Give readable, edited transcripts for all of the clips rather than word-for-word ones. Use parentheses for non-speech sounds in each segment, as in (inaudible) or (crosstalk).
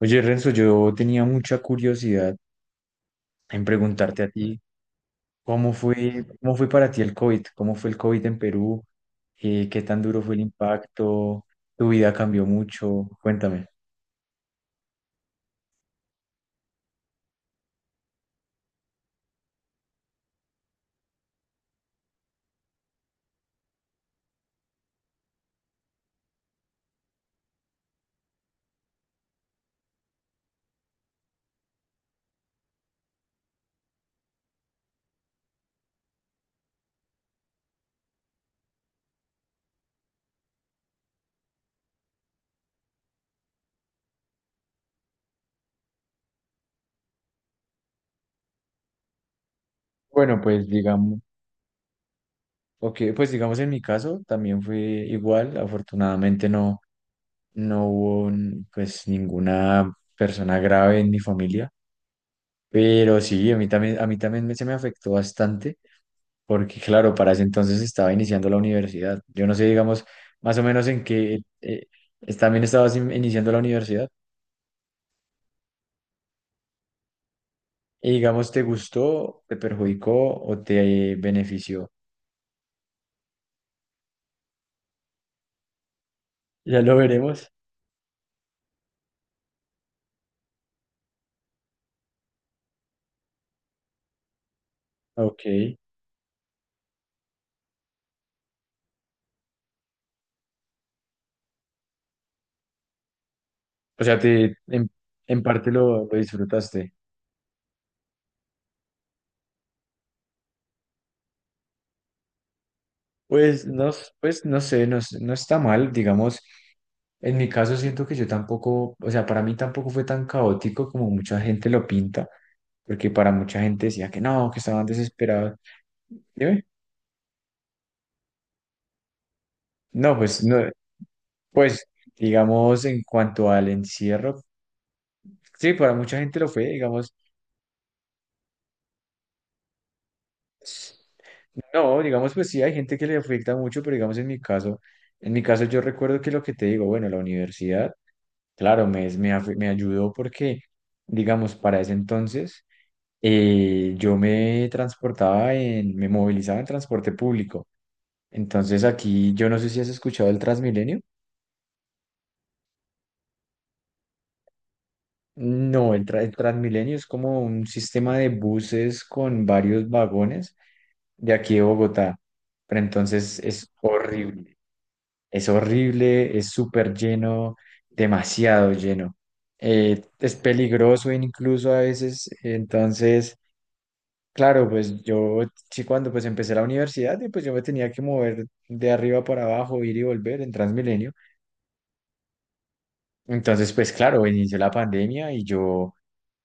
Oye, Renzo, yo tenía mucha curiosidad en preguntarte a ti cómo fue para ti el COVID, cómo fue el COVID en Perú. ¿Qué tan duro fue el impacto? ¿Tu vida cambió mucho? Cuéntame. Bueno, pues digamos, ok, pues digamos en mi caso también fue igual, afortunadamente no, no hubo pues ninguna persona grave en mi familia, pero sí, a mí también, se me afectó bastante. Porque claro, para ese entonces estaba iniciando la universidad. Yo no sé, digamos, más o menos en qué también iniciando la universidad y digamos, ¿te gustó, te perjudicó o te benefició? Ya lo veremos. Ok. O sea, en parte lo disfrutaste. Pues no, pues no sé, no, no está mal, digamos. En mi caso siento que yo tampoco, o sea, para mí tampoco fue tan caótico como mucha gente lo pinta, porque para mucha gente decía que no, que estaban desesperados. Dime. No, pues no, pues digamos en cuanto al encierro, sí, para mucha gente lo fue, digamos, no, digamos pues sí, hay gente que le afecta mucho, pero digamos en mi caso yo recuerdo que lo que te digo, bueno, la universidad, claro, me ayudó porque, digamos, para ese entonces yo me movilizaba en transporte público. Entonces aquí, yo no sé si has escuchado el Transmilenio. No, el Transmilenio es como un sistema de buses con varios vagones de aquí de Bogotá. Pero entonces es horrible, es horrible, es súper lleno, demasiado lleno. Es peligroso incluso a veces. Entonces, claro, pues yo sí, cuando pues empecé la universidad, y pues yo me tenía que mover de arriba para abajo, ir y volver en Transmilenio. Entonces, pues claro, inició la pandemia y yo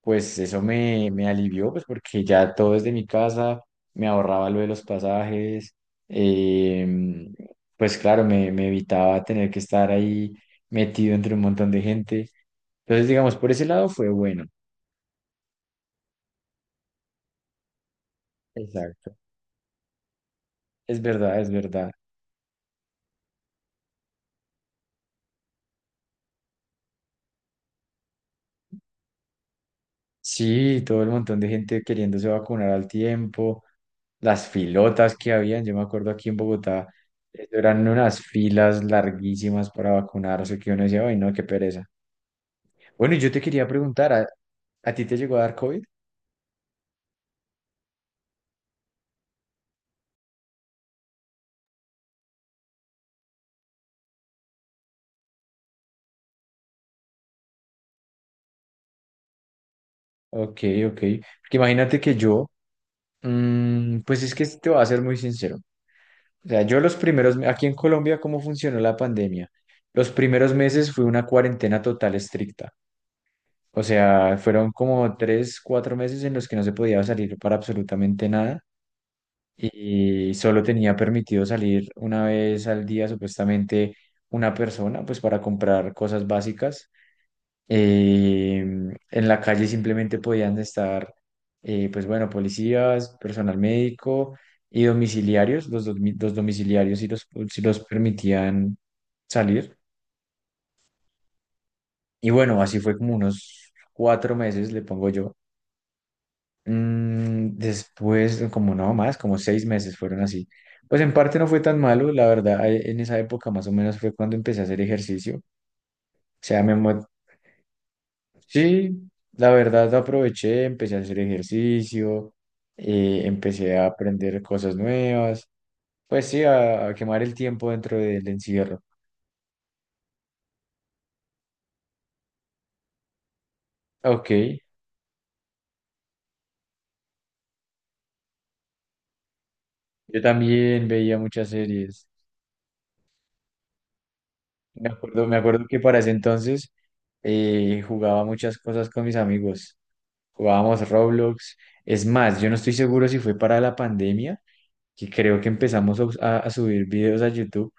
pues eso me alivió, pues porque ya todo desde mi casa, me ahorraba lo de los pasajes, em, pues claro, me evitaba tener que estar ahí metido entre un montón de gente. Entonces, digamos, por ese lado fue bueno. Exacto. Es verdad, es verdad. Sí, todo el montón de gente queriéndose vacunar al tiempo, las filotas que habían, yo me acuerdo aquí en Bogotá, eso eran unas filas larguísimas para vacunarse que uno decía, ay, no, qué pereza. Bueno, y yo te quería preguntar, ¿a ti te llegó a dar COVID? Ok, ok. Porque imagínate que yo, pues es que te voy a ser muy sincero. O sea, yo los primeros, aquí en Colombia, ¿cómo funcionó la pandemia? Los primeros meses fue una cuarentena total estricta. O sea, fueron como tres, cuatro meses en los que no se podía salir para absolutamente nada y solo tenía permitido salir una vez al día, supuestamente, una persona, pues para comprar cosas básicas. Eh, en la calle simplemente podían estar, pues bueno, policías, personal médico y domiciliarios. Los domiciliarios sí los permitían salir. Y bueno, así fue como unos cuatro meses, le pongo yo. Después, como no más, como seis meses fueron así. Pues en parte no fue tan malo, la verdad, en esa época más o menos fue cuando empecé a hacer ejercicio. Sea, me, mo- Sí, la verdad aproveché, empecé a hacer ejercicio, empecé a aprender cosas nuevas, pues sí, a quemar el tiempo dentro del encierro. Ok, yo también veía muchas series. Me acuerdo que para ese entonces jugaba muchas cosas con mis amigos. Jugábamos Roblox. Es más, yo no estoy seguro si fue para la pandemia, que creo que empezamos a, a subir videos a YouTube,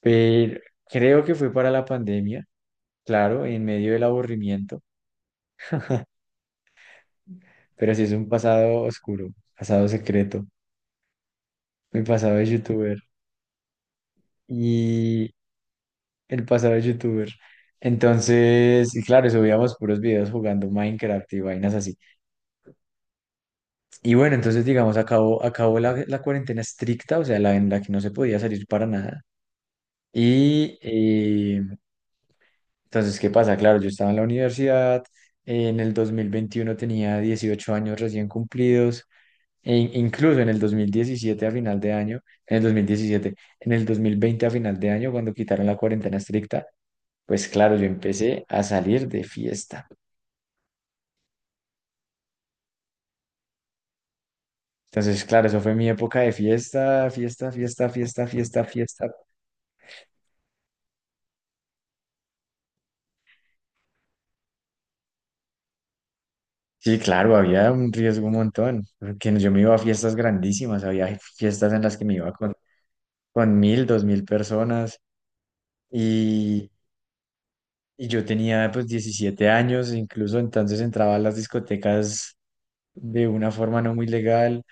pero creo que fue para la pandemia, claro, en medio del aburrimiento, pero sí, es un pasado oscuro, pasado secreto, mi pasado de youtuber y el pasado de youtuber. Entonces, y claro, subíamos puros videos jugando Minecraft y vainas así. Y bueno, entonces, digamos, acabó, acabó la cuarentena estricta, o sea, la en la que no se podía salir para nada. Y entonces, ¿qué pasa? Claro, yo estaba en la universidad, en el 2021 tenía 18 años recién cumplidos. Incluso en el 2017 a final de año, en el 2017, en el 2020 a final de año, cuando quitaron la cuarentena estricta, pues claro, yo empecé a salir de fiesta. Entonces, claro, eso fue mi época de fiesta, fiesta, fiesta, fiesta, fiesta, fiesta. Sí, claro, había un riesgo un montón, porque yo me iba a fiestas grandísimas, había fiestas en las que me iba con mil, dos mil personas y, y yo tenía pues 17 años, incluso entonces entraba a las discotecas de una forma no muy legal.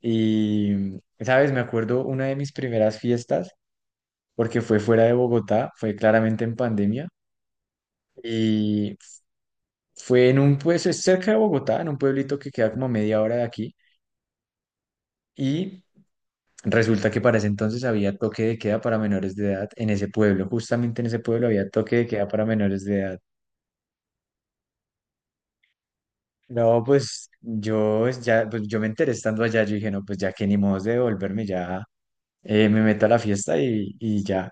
Y, ¿sabes? Me acuerdo una de mis primeras fiestas, porque fue fuera de Bogotá, fue claramente en pandemia, y fue en un, pues, es cerca de Bogotá, en un pueblito que queda como a media hora de aquí, y resulta que para ese entonces había toque de queda para menores de edad en ese pueblo, justamente en ese pueblo había toque de queda para menores de edad. No, pues yo pues, ya, pues yo me enteré estando allá, yo dije, no, pues ya que ni modo de devolverme, ya me meto a la fiesta y ya.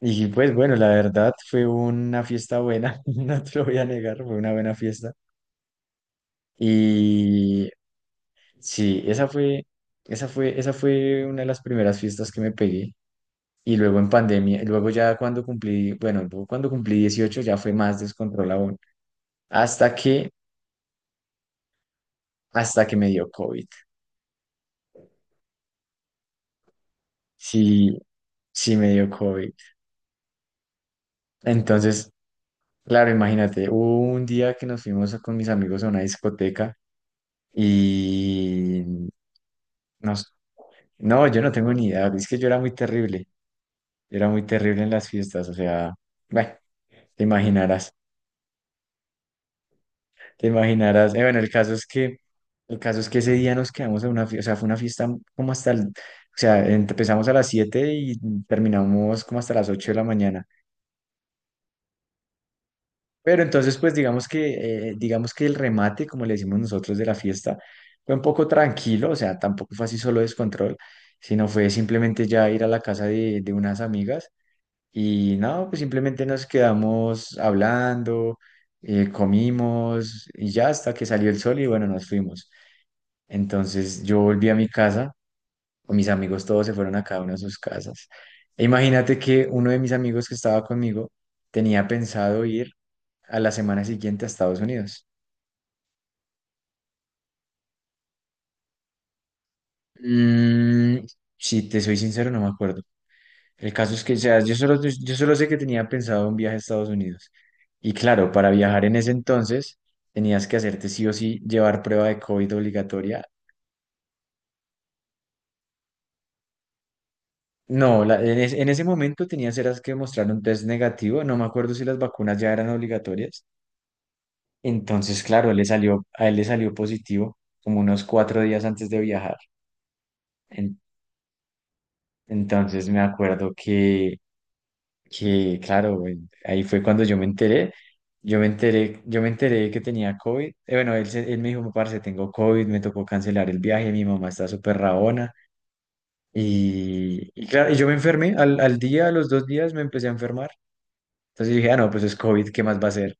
Y pues bueno, la verdad fue una fiesta buena, (laughs) no te lo voy a negar, fue una buena fiesta. Y sí, esa fue, esa fue, esa fue una de las primeras fiestas que me pegué. Y luego en pandemia, y luego ya cuando cumplí, bueno, luego cuando cumplí 18 ya fue más descontrol aún, hasta que, hasta que me dio COVID. Sí, sí me dio COVID. Entonces, claro, imagínate, hubo un día que con mis amigos a una discoteca y... nos No, yo no tengo ni idea. Es que yo era muy terrible. Yo era muy terrible en las fiestas. O sea, bueno, te imaginarás. Te imaginarás. Bueno, el caso es que, el caso es que ese día nos quedamos en una fiesta. O sea, fue una fiesta como hasta el, o sea, empezamos a las 7 y terminamos como hasta las 8 de la mañana. Pero entonces, pues digamos que el remate, como le decimos nosotros, de la fiesta, fue un poco tranquilo. O sea, tampoco fue así solo descontrol, sino fue simplemente ya ir a la casa de unas amigas. Y no, pues simplemente nos quedamos hablando, comimos y ya hasta que salió el sol y bueno, nos fuimos. Entonces yo volví a mi casa, mis amigos todos se fueron a cada una de sus casas. E imagínate que uno de mis amigos que estaba conmigo tenía pensado ir a la semana siguiente a Estados Unidos. Mm, si te soy sincero, no me acuerdo. El caso es que, o sea, yo solo sé que tenía pensado un viaje a Estados Unidos. Y claro, para viajar en ese entonces tenías que hacerte sí o sí, llevar prueba de COVID obligatoria. No, en ese momento tenías, eras que mostrar un test negativo. No me acuerdo si las vacunas ya eran obligatorias. Entonces, claro, le salió, a él le salió positivo como unos cuatro días antes de viajar. En- entonces me acuerdo que claro, güey, ahí fue cuando yo me enteré, yo me enteré que tenía COVID. Bueno, él me dijo, parce, tengo COVID, me tocó cancelar el viaje, mi mamá está súper rabona, y claro, y yo me enfermé, al día, a los dos días me empecé a enfermar, entonces dije, ah, no, pues es COVID, ¿qué más va a ser?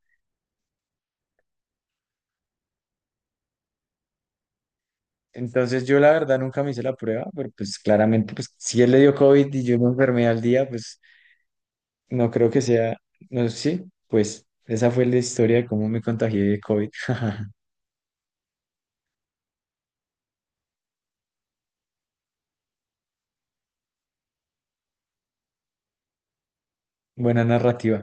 Entonces yo la verdad nunca me hice la prueba, pero pues claramente, pues si él le dio COVID y yo me enfermé al día, pues no creo que sea, no sé, sí, pues esa fue la historia de cómo me contagié de COVID. (laughs) Buena narrativa.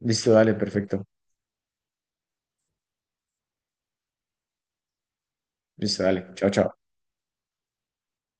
Listo, dale, perfecto. Listo, dale. Chao, chao.